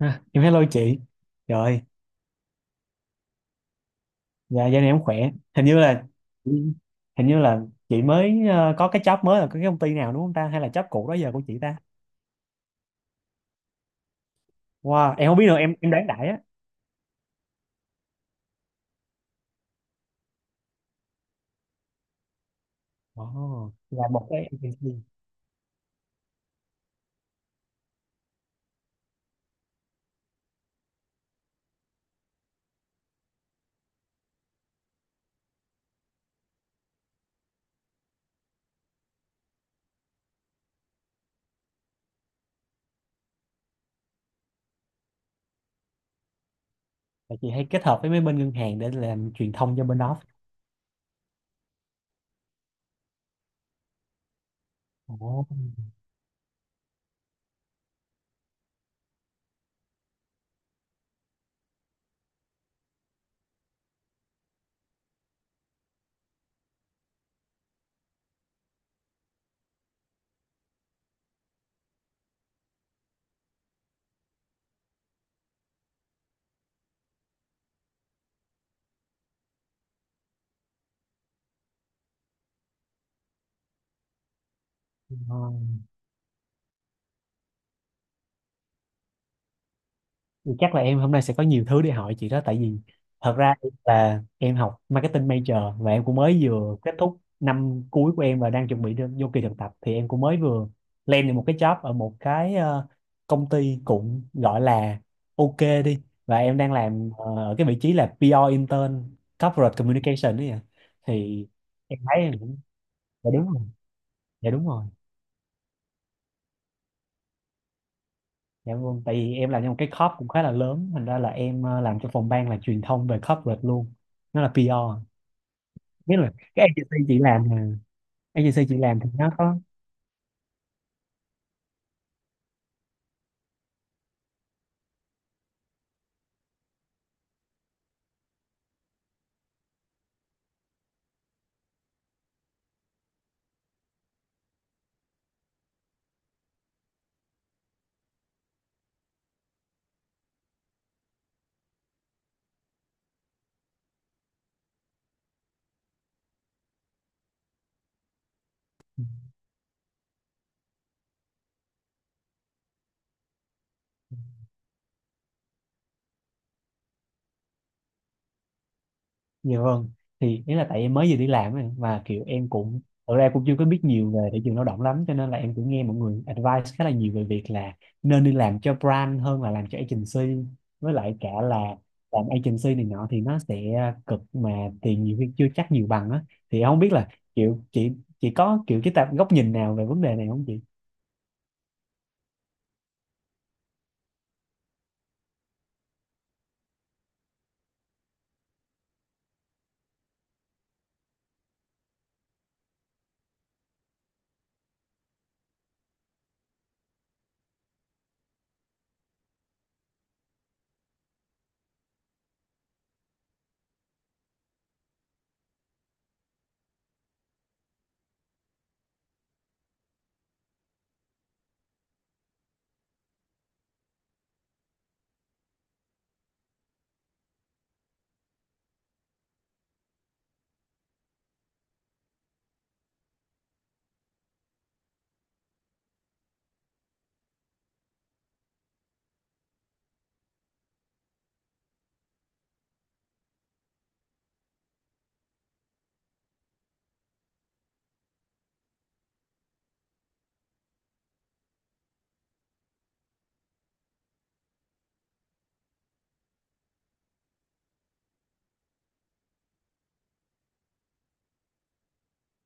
Ha, em hello chị rồi. Dạ gia đình em khỏe. Hình như là hình như là chị mới có cái job mới, là cái công ty nào đúng không ta, hay là job cũ đó giờ của chị ta? Wow, em không biết được, em đoán đại á. Ồ, là một cái agency. Là chị hay kết hợp với mấy bên ngân hàng để làm truyền thông cho bên đó? Ồ, thì chắc là em hôm nay sẽ có nhiều thứ để hỏi chị đó, tại vì thật ra là em học marketing major, và em cũng mới vừa kết thúc năm cuối của em và đang chuẩn bị vô kỳ thực tập. Thì em cũng mới vừa lên được một cái job ở một cái công ty cũng gọi là ok đi, và em đang làm ở cái vị trí là PR intern corporate communication đấy ạ. Thì em thấy em cũng, dạ đúng rồi, dạ đúng rồi. Dạ vâng, tại vì em làm trong một cái corp cũng khá là lớn, thành ra là em làm cho phòng ban là truyền thông về corporate luôn, nó là PR. Nghĩa là cái agency chị làm là agency chị làm thì nó có nhiều hơn. Thì nghĩa là tại em mới vừa đi làm ấy, mà kiểu em cũng thực ra cũng chưa có biết nhiều về thị trường lao động lắm, cho nên là em cũng nghe mọi người advice khá là nhiều về việc là nên đi làm cho brand hơn là làm cho agency, với lại cả là làm agency này nọ thì nó sẽ cực, mà tiền nhiều khi chưa chắc nhiều bằng á. Thì em không biết là kiểu chị có kiểu cái tạp góc nhìn nào về vấn đề này không chị?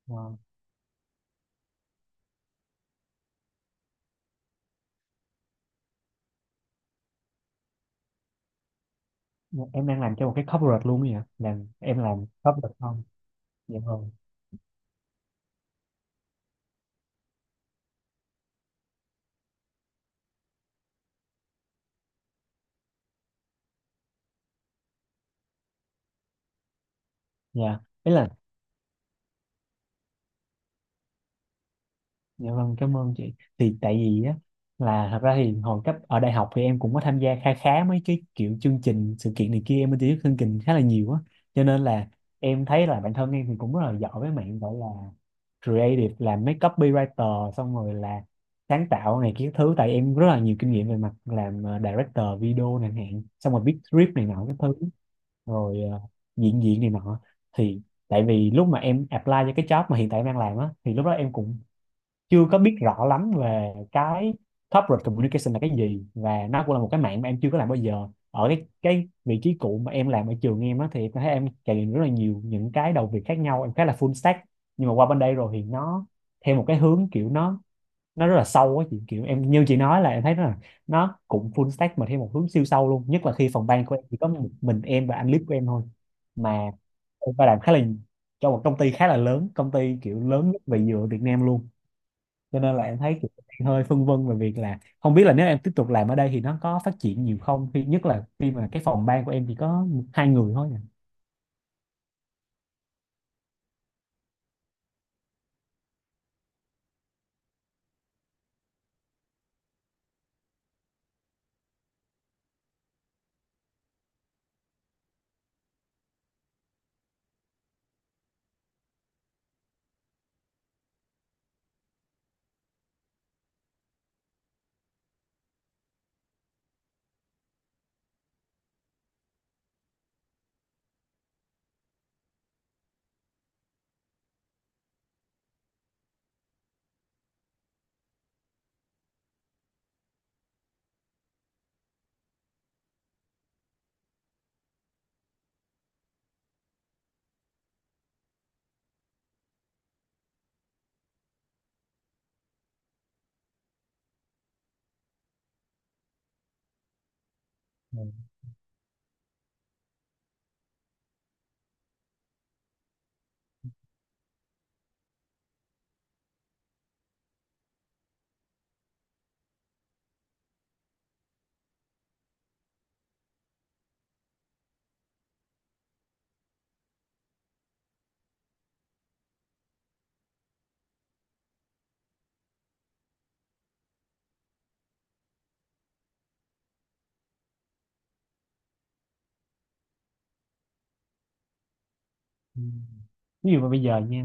Ờ, em đang làm cho một cái corporate luôn ấy hả, làm em làm corporate không? Dạ vâng. Dạ, ý là, dạ vâng, cảm ơn chị. Thì tại vì á, là thật ra thì hồi cấp ở đại học thì em cũng có tham gia khá khá mấy cái kiểu chương trình sự kiện này kia, em mới tiếp xúc chương trình khá là nhiều á. Cho nên là em thấy là bản thân em thì cũng rất là giỏi với mạng gọi là creative, làm mấy copywriter, xong rồi là sáng tạo này kia thứ, tại em rất là nhiều kinh nghiệm về mặt làm director video này hạn, xong rồi viết script này nọ cái thứ, rồi diễn viên này nọ. Thì tại vì lúc mà em apply cho cái job mà hiện tại em đang làm á, thì lúc đó em cũng chưa có biết rõ lắm về cái corporate communication là cái gì, và nó cũng là một cái mạng mà em chưa có làm bao giờ. Ở cái vị trí cũ mà em làm ở trường em á, thì em thấy em trải nghiệm rất là nhiều những cái đầu việc khác nhau, em khá là full stack. Nhưng mà qua bên đây rồi thì nó theo một cái hướng kiểu nó rất là sâu á chị, kiểu em như chị nói, là em thấy là nó cũng full stack mà theo một hướng siêu sâu luôn, nhất là khi phòng ban của em chỉ có một mình em và anh lead của em thôi, mà em phải làm khá là cho một công ty khá là lớn, công ty kiểu lớn nhất về dừa Việt Nam luôn. Cho nên là em thấy kiểu đang hơi phân vân về việc là không biết là nếu em tiếp tục làm ở đây thì nó có phát triển nhiều không, khi nhất là khi mà cái phòng ban của em chỉ có hai người thôi nè. Ừ. Ví dụ mà bây giờ nha,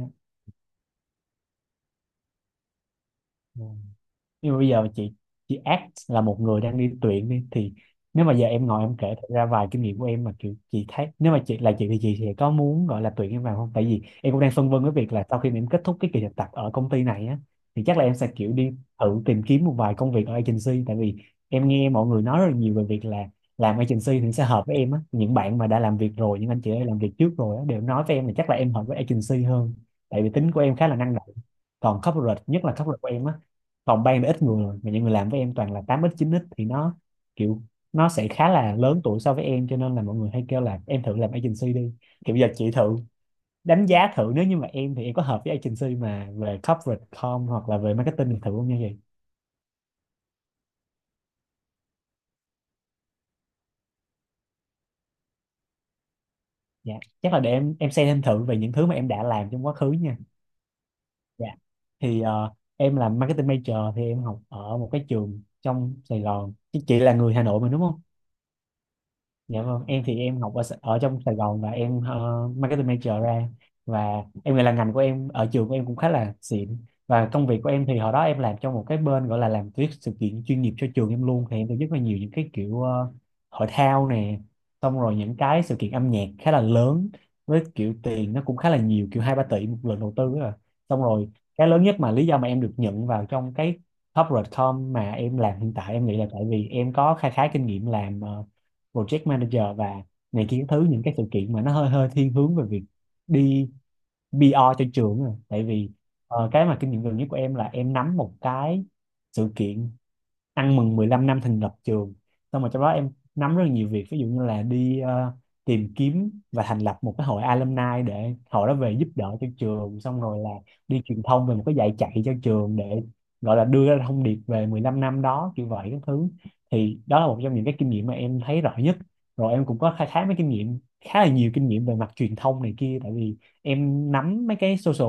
nhưng mà bây giờ chị act là một người đang đi tuyển đi, thì nếu mà giờ em ngồi em kể thật ra vài kinh nghiệm của em, mà kiểu chị thấy nếu mà chị là chị thì chị sẽ có muốn gọi là tuyển em vào không. Tại vì em cũng đang phân vân với việc là sau khi mà em kết thúc cái kỳ thực tập ở công ty này á, thì chắc là em sẽ kiểu đi thử tìm kiếm một vài công việc ở agency. Tại vì em nghe mọi người nói rất là nhiều về việc là làm agency thì sẽ hợp với em á, những bạn mà đã làm việc rồi, những anh chị đã làm việc trước rồi á, đều nói với em là chắc là em hợp với agency hơn, tại vì tính của em khá là năng động. Còn corporate, nhất là corporate của em á, phòng ban thì ít người, mà những người làm với em toàn là tám x chín x, thì nó kiểu nó sẽ khá là lớn tuổi so với em, cho nên là mọi người hay kêu là em thử làm agency đi. Kiểu giờ chị thử đánh giá thử, nếu như mà em thì em có hợp với agency mà về corporate com hoặc là về marketing thì thử không nha chị? Dạ, chắc là để em xem thêm thử về những thứ mà em đã làm trong quá khứ nha. Dạ, thì em làm marketing major, thì em học ở một cái trường trong Sài Gòn, chứ chị là người Hà Nội mà đúng không? Dạ vâng, em thì em học ở, ở trong Sài Gòn, và em marketing major ra, và em nghĩ là ngành của em ở trường của em cũng khá là xịn. Và công việc của em thì hồi đó em làm trong một cái bên gọi là làm tuyết sự kiện chuyên nghiệp cho trường em luôn, thì em tổ chức rất là nhiều những cái kiểu hội thao nè, xong rồi những cái sự kiện âm nhạc khá là lớn, với kiểu tiền nó cũng khá là nhiều, kiểu 2 3 tỷ một lần đầu tư rồi. Xong rồi cái lớn nhất mà lý do mà em được nhận vào trong cái corporate com mà em làm hiện tại, em nghĩ là tại vì em có khá khá kinh nghiệm làm project manager và này kia thứ, những cái sự kiện mà nó hơi hơi thiên hướng về việc đi PR cho trường rồi. Tại vì cái mà kinh nghiệm gần nhất của em là em nắm một cái sự kiện ăn mừng 15 năm thành lập trường, xong rồi trong đó em nắm rất là nhiều việc, ví dụ như là đi tìm kiếm và thành lập một cái hội alumni để hội đó về giúp đỡ cho trường, xong rồi là đi truyền thông về một cái dạy chạy cho trường để gọi là đưa ra thông điệp về 15 năm đó kiểu vậy các thứ. Thì đó là một trong những cái kinh nghiệm mà em thấy rõ nhất. Rồi em cũng có khai thác mấy kinh nghiệm khá là nhiều kinh nghiệm về mặt truyền thông này kia, tại vì em nắm mấy cái social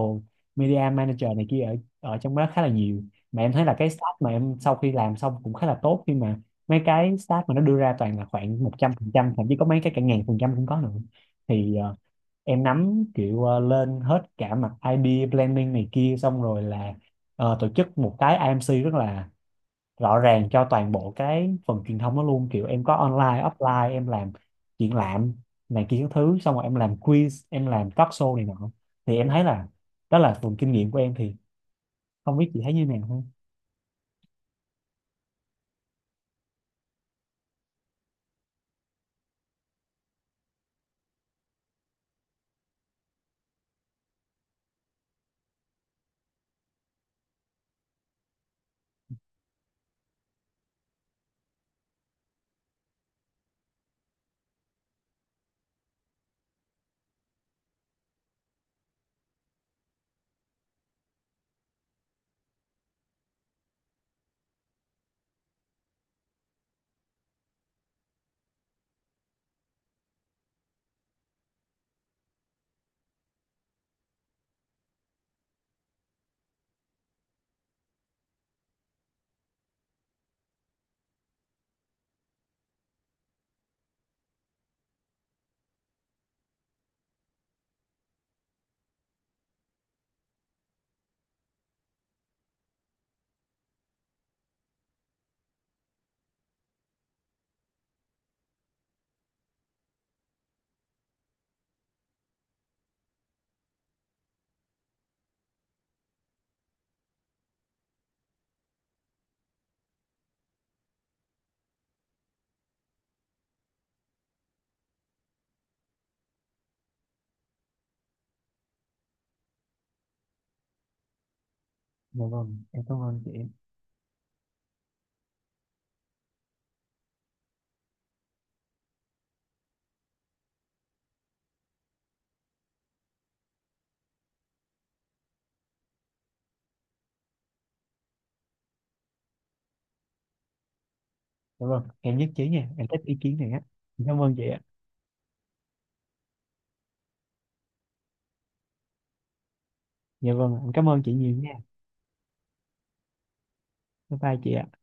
media manager này kia ở ở trong đó khá là nhiều, mà em thấy là cái stat mà em sau khi làm xong cũng khá là tốt, khi mà mấy cái stat mà nó đưa ra toàn là khoảng 100%, thậm chí có mấy cái cả ngàn phần trăm cũng có nữa. Thì em nắm kiểu lên hết cả mặt ID planning này kia, xong rồi là tổ chức một cái IMC rất là rõ ràng cho toàn bộ cái phần truyền thông đó luôn, kiểu em có online offline, em làm triển lãm này kia các thứ, xong rồi em làm quiz, em làm talk show này nọ. Thì em thấy là đó là phần kinh nghiệm của em, thì không biết chị thấy như nào ha? Dạ vâng, em cảm ơn chị. Dạ vâng, em nhất trí nha, em thích ý kiến này á. Em cảm ơn chị ạ. Dạ vâng, em cảm ơn chị nhiều nha. Bye bye chị ạ.